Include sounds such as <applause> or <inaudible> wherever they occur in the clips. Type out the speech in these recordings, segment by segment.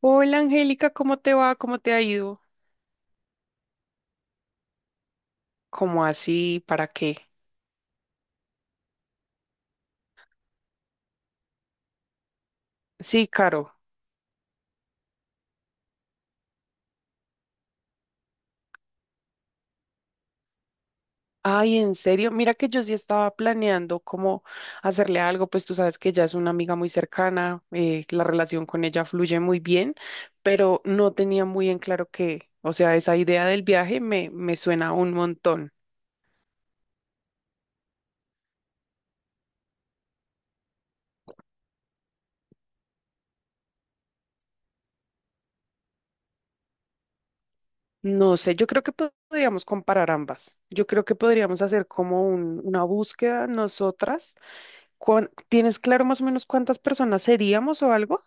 Hola Angélica, ¿cómo te va? ¿Cómo te ha ido? ¿Cómo así? ¿Para qué? Sí, Caro. Ay, en serio, mira que yo sí estaba planeando cómo hacerle algo, pues tú sabes que ella es una amiga muy cercana, la relación con ella fluye muy bien, pero no tenía muy en claro qué, o sea, esa idea del viaje me suena un montón. No sé, yo creo que podríamos comparar ambas. Yo creo que podríamos hacer como una búsqueda nosotras. ¿Tienes claro más o menos cuántas personas seríamos o algo?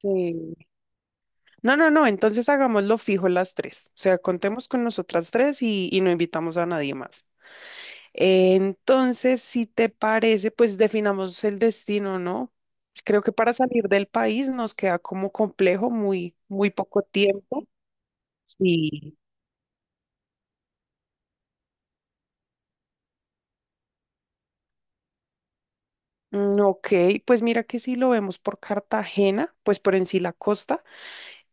Sí. No, no, no, entonces hagámoslo fijo las 3. O sea, contemos con nosotras 3 y no invitamos a nadie más. Entonces, si te parece, pues definamos el destino, ¿no? Creo que para salir del país nos queda como complejo, muy, muy poco tiempo. Sí. Mm, ok, pues mira que si lo vemos por Cartagena, pues por en sí la costa.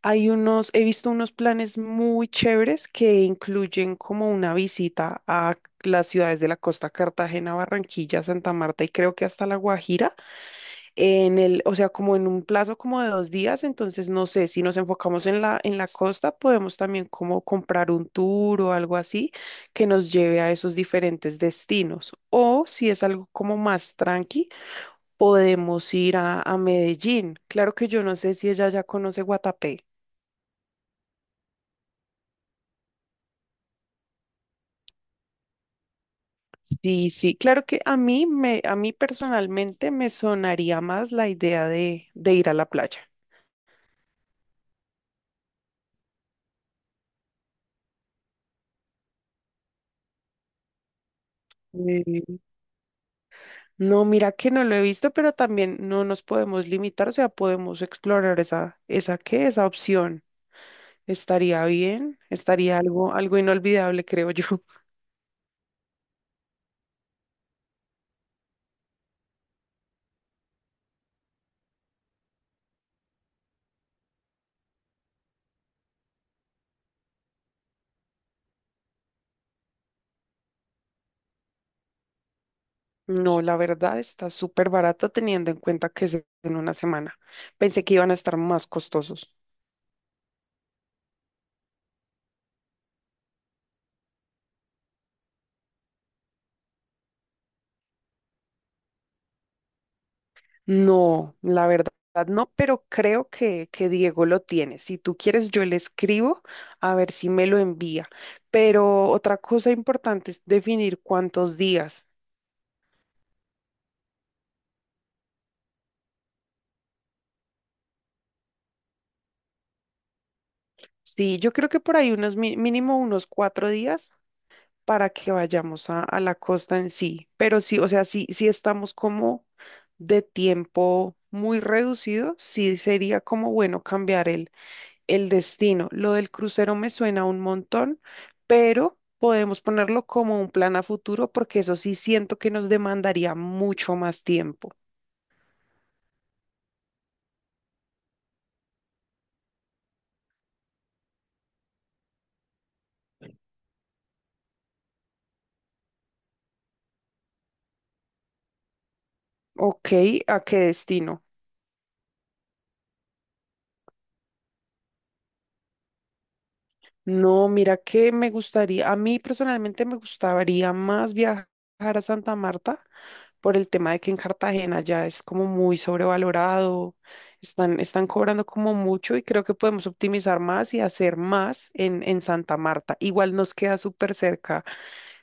Hay unos, he visto unos planes muy chéveres que incluyen como una visita a las ciudades de la costa, Cartagena, Barranquilla, Santa Marta y creo que hasta La Guajira, o sea, como en un plazo como de 2 días. Entonces, no sé, si nos enfocamos en en la costa, podemos también como comprar un tour o algo así que nos lleve a esos diferentes destinos. O si es algo como más tranqui, podemos ir a Medellín. Claro que yo no sé si ella ya conoce Guatapé. Sí, sí, claro que a mí personalmente me sonaría más la idea de ir a la playa. Eh, no, mira que no lo he visto, pero también no nos podemos limitar, o sea, podemos explorar esa qué, esa opción. Estaría bien, estaría algo, algo inolvidable, creo yo. <laughs> No, la verdad está súper barato teniendo en cuenta que es en una semana. Pensé que iban a estar más costosos. No, la verdad no, pero creo que Diego lo tiene. Si tú quieres, yo le escribo a ver si me lo envía. Pero otra cosa importante es definir cuántos días. Sí, yo creo que por ahí unos mínimo unos 4 días para que vayamos a la costa en sí. Pero sí, o sea, sí, sí estamos como de tiempo muy reducido, sí sería como bueno cambiar el destino. Lo del crucero me suena un montón, pero podemos ponerlo como un plan a futuro porque eso sí siento que nos demandaría mucho más tiempo. Ok, ¿a qué destino? No, mira que me gustaría, a mí personalmente me gustaría más viajar a Santa Marta por el tema de que en Cartagena ya es como muy sobrevalorado, están, están cobrando como mucho y creo que podemos optimizar más y hacer más en Santa Marta. Igual nos queda súper cerca.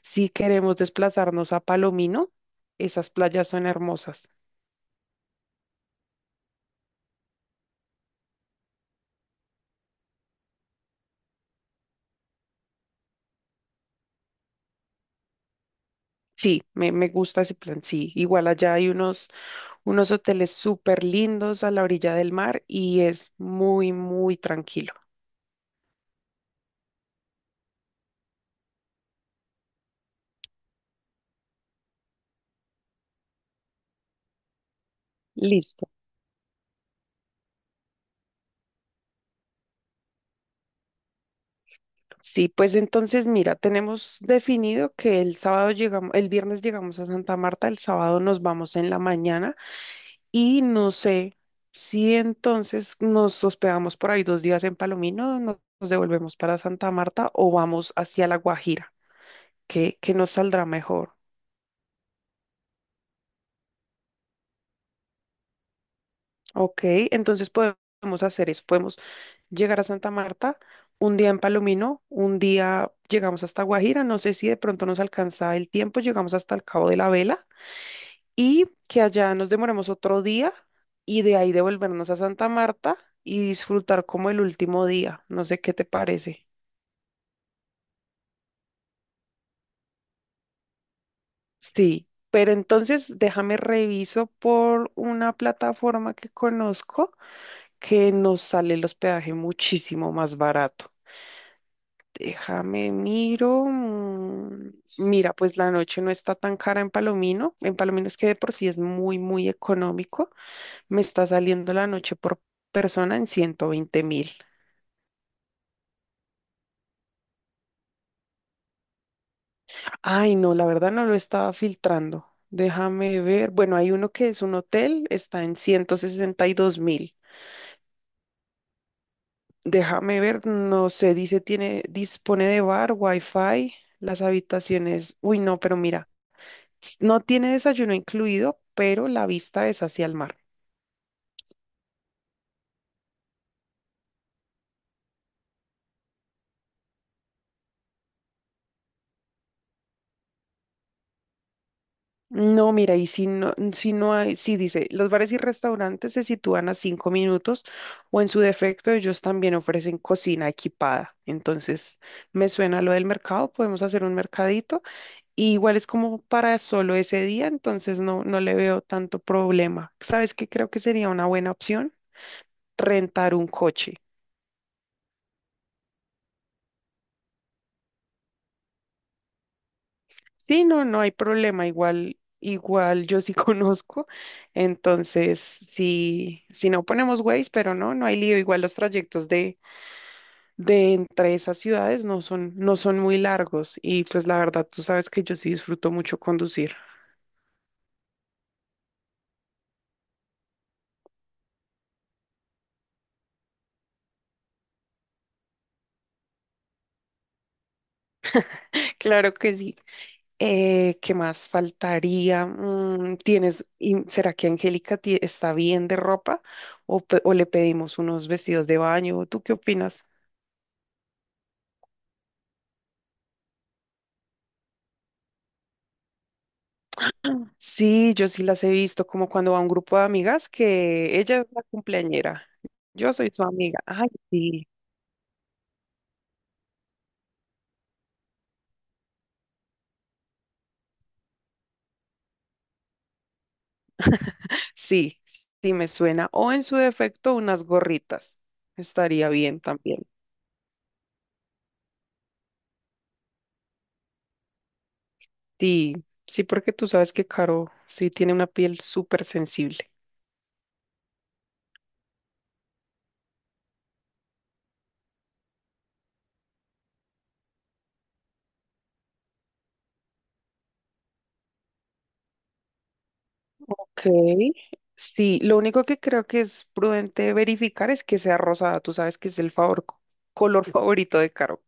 Si queremos desplazarnos a Palomino, esas playas son hermosas. Sí, me gusta ese plan. Sí, igual allá hay unos, unos hoteles súper lindos a la orilla del mar y es muy, muy tranquilo. Listo. Sí, pues entonces mira, tenemos definido que el sábado llegamos, el viernes llegamos a Santa Marta, el sábado nos vamos en la mañana. Y no sé si entonces nos hospedamos por ahí 2 días en Palomino, nos devolvemos para Santa Marta o vamos hacia La Guajira, que nos saldrá mejor. Ok, entonces podemos hacer eso. Podemos llegar a Santa Marta, un día en Palomino, un día llegamos hasta Guajira. No sé si de pronto nos alcanza el tiempo, llegamos hasta el Cabo de la Vela y que allá nos demoremos otro día y de ahí devolvernos a Santa Marta y disfrutar como el último día. No sé qué te parece. Sí, pero entonces déjame reviso por una plataforma que conozco que nos sale el hospedaje muchísimo más barato. Déjame miro. Mira, pues la noche no está tan cara en Palomino. En Palomino es que de por sí es muy, muy económico. Me está saliendo la noche por persona en 120.000. Ay, no, la verdad no lo estaba filtrando. Déjame ver. Bueno, hay uno que es un hotel, está en 162.000. Déjame ver, no sé, dice tiene, dispone de bar, wifi, las habitaciones. Uy, no, pero mira, no tiene desayuno incluido, pero la vista es hacia el mar. No, mira, y si no, si no hay, sí dice, los bares y restaurantes se sitúan a 5 minutos o en su defecto ellos también ofrecen cocina equipada. Entonces, me suena lo del mercado, podemos hacer un mercadito. Y igual es como para solo ese día, entonces no, no le veo tanto problema. ¿Sabes qué creo que sería una buena opción? Rentar un coche. Sí, no, no hay problema, igual, igual yo sí <laughs> conozco, entonces sí si no ponemos Waze, pero no, no hay lío, igual los trayectos de entre esas ciudades no son, no son muy largos y pues la verdad tú sabes que yo sí disfruto mucho conducir. <laughs> Claro que sí. ¿Qué más faltaría? Mm, ¿tienes, y será que Angélica está bien de ropa o, o le pedimos unos vestidos de baño? ¿Tú qué opinas? Sí, yo sí las he visto como cuando va un grupo de amigas que ella es la cumpleañera. Yo soy su amiga. Ay, sí, sí, sí me suena. O en su defecto unas gorritas. Estaría bien también. Sí, sí, porque tú sabes que Caro sí tiene una piel súper sensible. Ok. Sí, lo único que creo que es prudente verificar es que sea rosada. Tú sabes que es el favor, color favorito de Caro.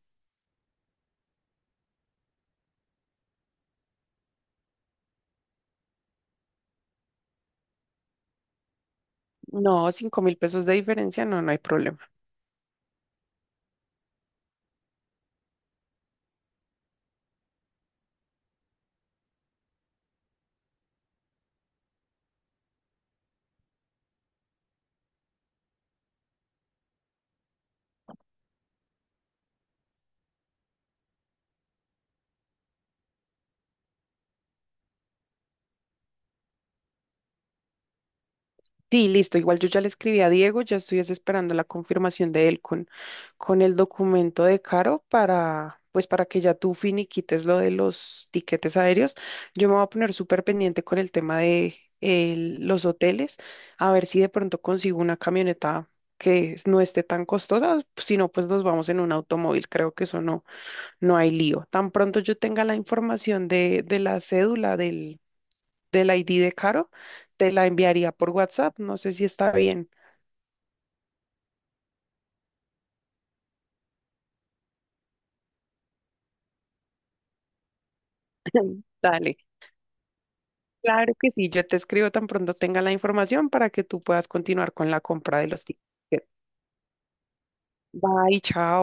No, $5.000 de diferencia, no, no hay problema. Sí, listo. Igual yo ya le escribí a Diego, ya estoy es esperando la confirmación de él con el documento de Caro para, pues para que ya tú finiquites lo de los tiquetes aéreos. Yo me voy a poner súper pendiente con el tema de los hoteles, a ver si de pronto consigo una camioneta que no esté tan costosa, si no, pues nos vamos en un automóvil. Creo que eso no, no hay lío. Tan pronto yo tenga la información de la cédula del ID de Caro, te la enviaría por WhatsApp. No sé si está bien. Dale. Claro que sí, yo te escribo tan pronto tenga la información para que tú puedas continuar con la compra de los tickets. Bye, chao.